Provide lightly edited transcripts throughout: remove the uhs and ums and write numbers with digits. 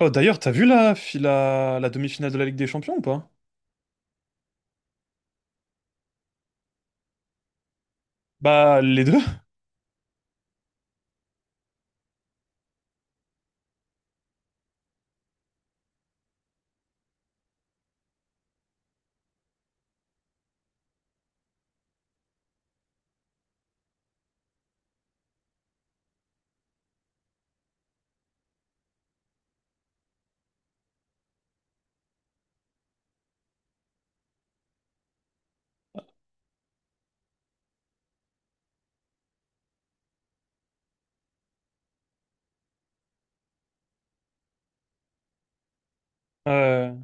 Oh, d'ailleurs, t'as vu la demi-finale de la Ligue des Champions ou pas? Bah, les deux. Euh,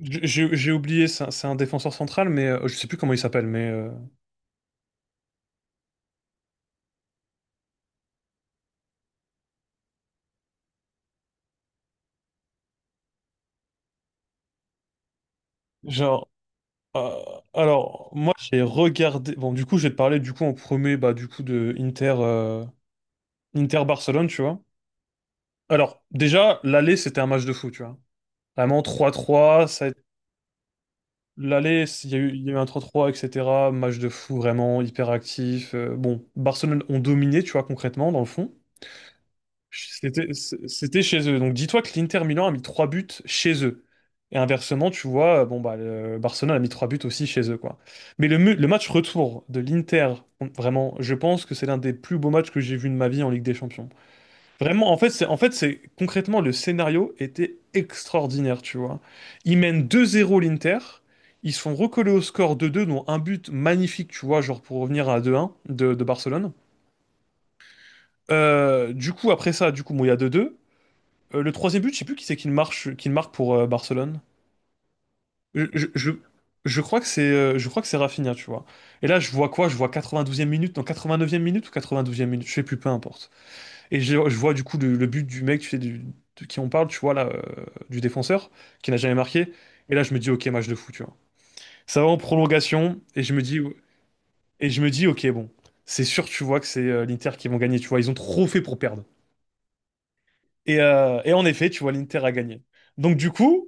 j'ai oublié, c'est un défenseur central, mais je sais plus comment il s'appelle, mais genre. euh, alors, moi, j'ai regardé. Bon, du coup, je vais te parler du coup en premier, bah, du coup, de Inter, Inter-Barcelone, tu vois. Alors, déjà, l'aller, c'était un match de fou, tu vois. Vraiment trois trois ça a été- L'aller, il y a eu un trois 3 etc. Match de fou, vraiment hyper actif. Bon, Barcelone ont dominé, tu vois, concrètement, dans le fond. C'était c'était chez eux. Donc dis-toi que l'Inter Milan a mis trois buts chez eux. Et inversement, tu vois, bon bah le Barcelone a mis trois buts aussi chez eux, quoi. Mais le match retour de l'Inter, vraiment, je pense que c'est l'un des plus beaux matchs que j'ai vu de ma vie en Ligue des Champions. Vraiment, en fait, c'est concrètement le scénario était extraordinaire, tu vois. Ils mènent deux zéro l'Inter, ils se font recoller au score 2 deux, dont un but magnifique, tu vois, genre pour revenir à deux un de Barcelone. Du coup, après ça, du coup, bon, il y a 2-2. Le troisième but, je sais plus qui c'est qui le marque pour Barcelone. Je, je, je- je crois que c'est je crois que c'est Rafinha, tu vois. Et là, je vois quoi? Je vois 92e minute, non, 89e minute ou 92e minute, je sais plus, peu importe. Je vois du coup le but du mec, tu sais, de qui on parle, tu vois là, du défenseur, qui n'a jamais marqué. Et là, je me dis, ok, match de fou, tu vois. Ça va en prolongation, et je me dis, ok, bon, c'est sûr, tu vois que c'est l'Inter qui vont gagner, tu vois. Ils ont trop fait pour perdre. Et en effet, tu vois, l'Inter a gagné. Donc du coup.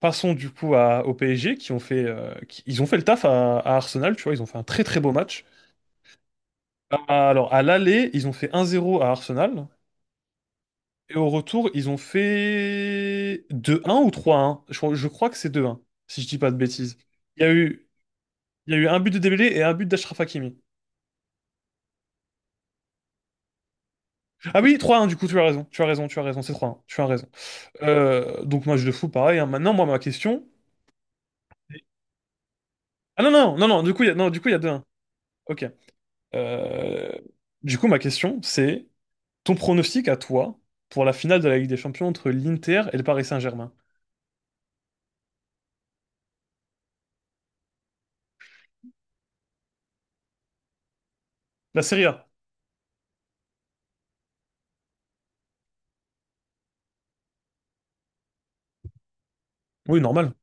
Passons du coup au PSG qui ont fait, ils ont fait le taf à Arsenal, tu vois, ils ont fait un très très beau match. Alors à l'aller, ils ont fait un zéro à Arsenal et au retour, ils ont fait deux un ou trois un. Je crois que c'est deux un si je dis pas de bêtises. Il y a eu, il y a eu un but de Dembélé et un but d'Achraf Hakimi. Ah oui, trois un du coup, tu as raison, tu as raison, tu as raison, c'est trois un, tu as raison. Donc match de fou, pareil, hein. Maintenant, moi ma question. Ah non, du coup il y a, non du coup il y a deux un. Ok. Euh, du coup ma question c'est: ton pronostic à toi pour la finale de la Ligue des Champions entre l'Inter et le Paris Saint-Germain? La Serie A. Oui, normal.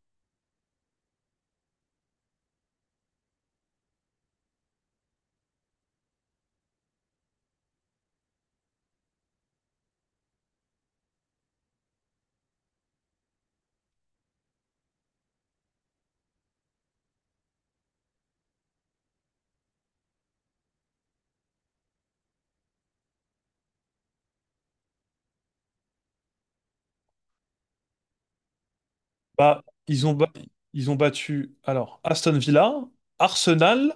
Bah, ils ont ba- Ils ont battu alors Aston Villa, Arsenal,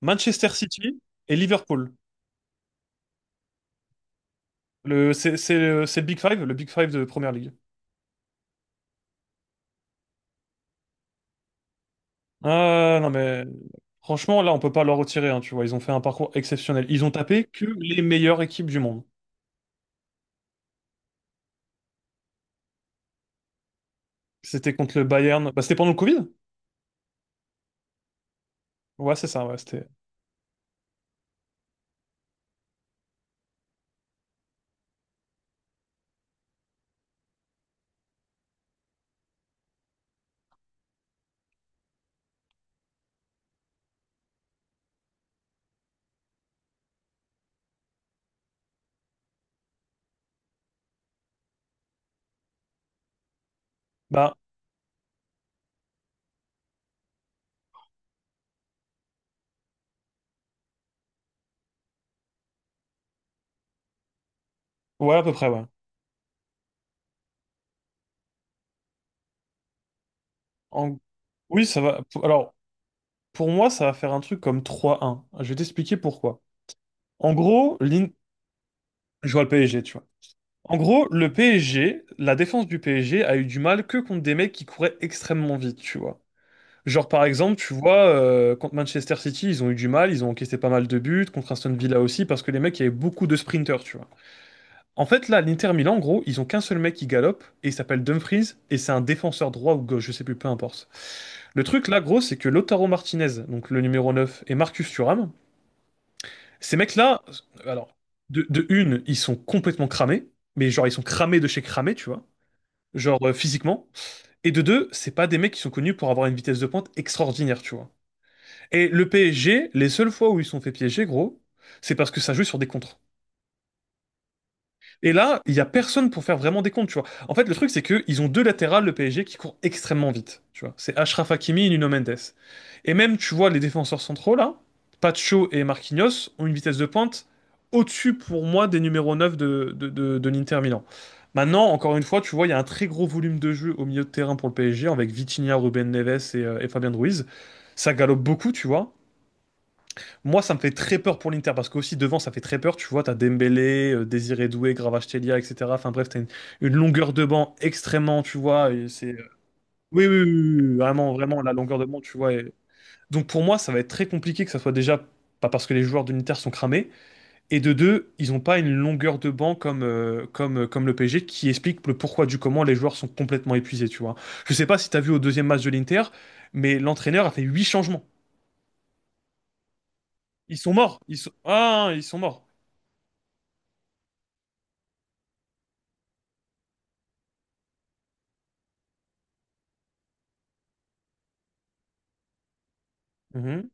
Manchester City et Liverpool. Le c'est le Big Five de Première Ligue. Ah non mais franchement là on peut pas leur retirer hein, tu vois, ils ont fait un parcours exceptionnel. Ils ont tapé que les meilleures équipes du monde. C'était contre le Bayern. Bah, c'était pendant le Covid? Ouais, c'est ça, ouais, c'était. Bah ouais, à peu près, ouais. En- Oui, ça va. Alors, pour moi, ça va faire un truc comme 3-1. Je vais t'expliquer pourquoi. En gros, l'In- je vois le PSG, tu vois. En gros, le PSG, la défense du PSG a eu du mal que contre des mecs qui couraient extrêmement vite, tu vois. Genre, par exemple, tu vois, contre Manchester City, ils ont eu du mal, ils ont encaissé pas mal de buts, contre Aston Villa aussi, parce que les mecs, il y avait beaucoup de sprinters, tu vois. En fait, là, l'Inter Milan, en gros, ils ont qu'un seul mec qui galope, et il s'appelle Dumfries, et c'est un défenseur droit ou gauche, je sais plus, peu importe. Le truc, là, gros, c'est que Lautaro Martinez, donc le numéro 9, et Marcus Thuram, ces mecs-là, alors, de une, ils sont complètement cramés, mais genre, ils sont cramés de chez cramés, tu vois, genre physiquement. Et de deux, c'est pas des mecs qui sont connus pour avoir une vitesse de pointe extraordinaire, tu vois. Et le PSG, les seules fois où ils se sont fait piéger, gros, c'est parce que ça joue sur des contres. Et là, il y a personne pour faire vraiment des comptes, tu vois. En fait, le truc, c'est que ils ont deux latérales, le PSG, qui courent extrêmement vite, tu vois. C'est Achraf Hakimi et Nuno Mendes. Et même, tu vois, les défenseurs centraux, là, Pacho et Marquinhos, ont une vitesse de pointe au-dessus, pour moi, des numéros 9 de l'Inter Milan. Maintenant, encore une fois, tu vois, il y a un très gros volume de jeu au milieu de terrain pour le PSG, avec Vitinha, Ruben Neves et Fabien Ruiz. Ça galope beaucoup, tu vois. Moi, ça me fait très peur pour l'Inter parce que aussi devant, ça fait très peur. Tu vois, t'as Dembélé, Désiré Doué, Kvaratskhelia, etc. Enfin bref, une longueur de banc extrêmement, tu vois, et c'est... oui, vraiment, vraiment la longueur de banc, tu vois. Et... donc pour moi, ça va être très compliqué que ça soit déjà pas parce que les joueurs de l'Inter sont cramés et de deux, ils ont pas une longueur de banc comme le PSG, qui explique le pourquoi du comment les joueurs sont complètement épuisés, tu vois. Je sais pas si t'as vu au deuxième match de l'Inter, mais l'entraîneur a fait huit changements. Ils sont morts. Ils sont, ah, ils sont morts. Mhm.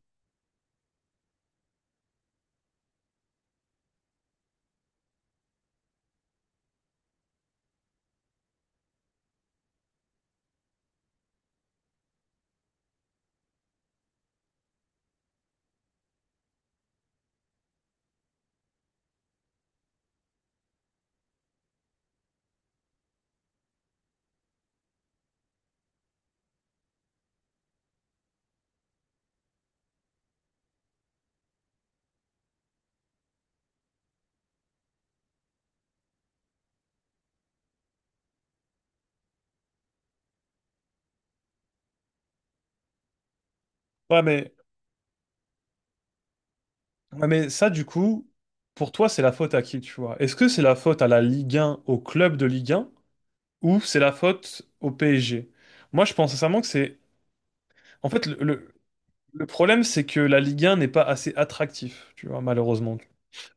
Ouais, mais, ouais, mais ça, du coup, pour toi, c'est la faute à qui, tu vois? Est-ce que c'est la faute à la Ligue 1, au club de Ligue 1, ou c'est la faute au PSG? Moi, je pense sincèrement que c'est... en fait, le problème, c'est que la Ligue 1 n'est pas assez attractif, tu vois, malheureusement.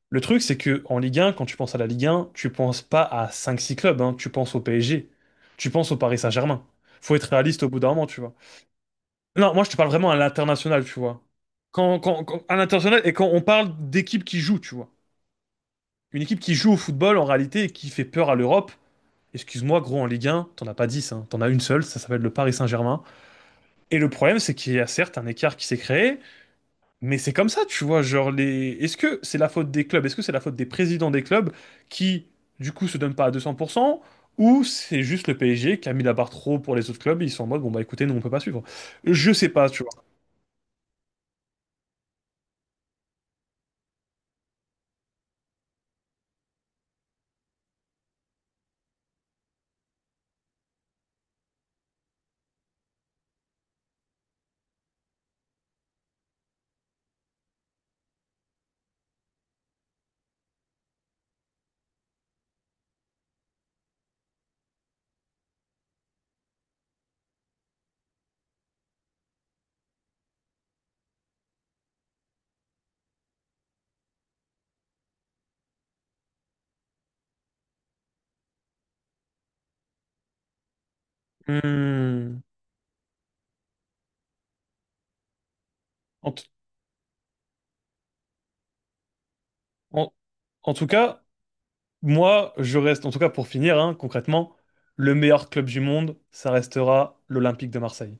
Le truc, c'est que en Ligue 1, quand tu penses à la Ligue 1, tu penses pas à cinq six clubs, hein, tu penses au PSG, tu penses au Paris Saint-Germain. Faut être réaliste au bout d'un moment, tu vois. Non, moi, je te parle vraiment à l'international, tu vois. À l'international, et quand on parle d'équipes qui jouent, tu vois. Une équipe qui joue au football en réalité et qui fait peur à l'Europe. Excuse-moi, gros, en Ligue 1, t'en as pas 10, hein. T'en as une seule, ça s'appelle le Paris Saint-Germain. Et le problème, c'est qu'il y a certes un écart qui s'est créé, mais c'est comme ça, tu vois. Genre, les... est-ce que c'est la faute des clubs? Est-ce que c'est la faute des présidents des clubs qui, du coup, se donnent pas à 200%? Ou c'est juste le PSG qui a mis la barre trop haut pour les autres clubs et ils sont en mode, bon, bah écoutez, nous, on peut pas suivre? Je sais pas, tu vois. Hmm. En, t- en- En tout cas, moi, je reste, en tout cas pour finir, hein, concrètement, le meilleur club du monde, ça restera l'Olympique de Marseille.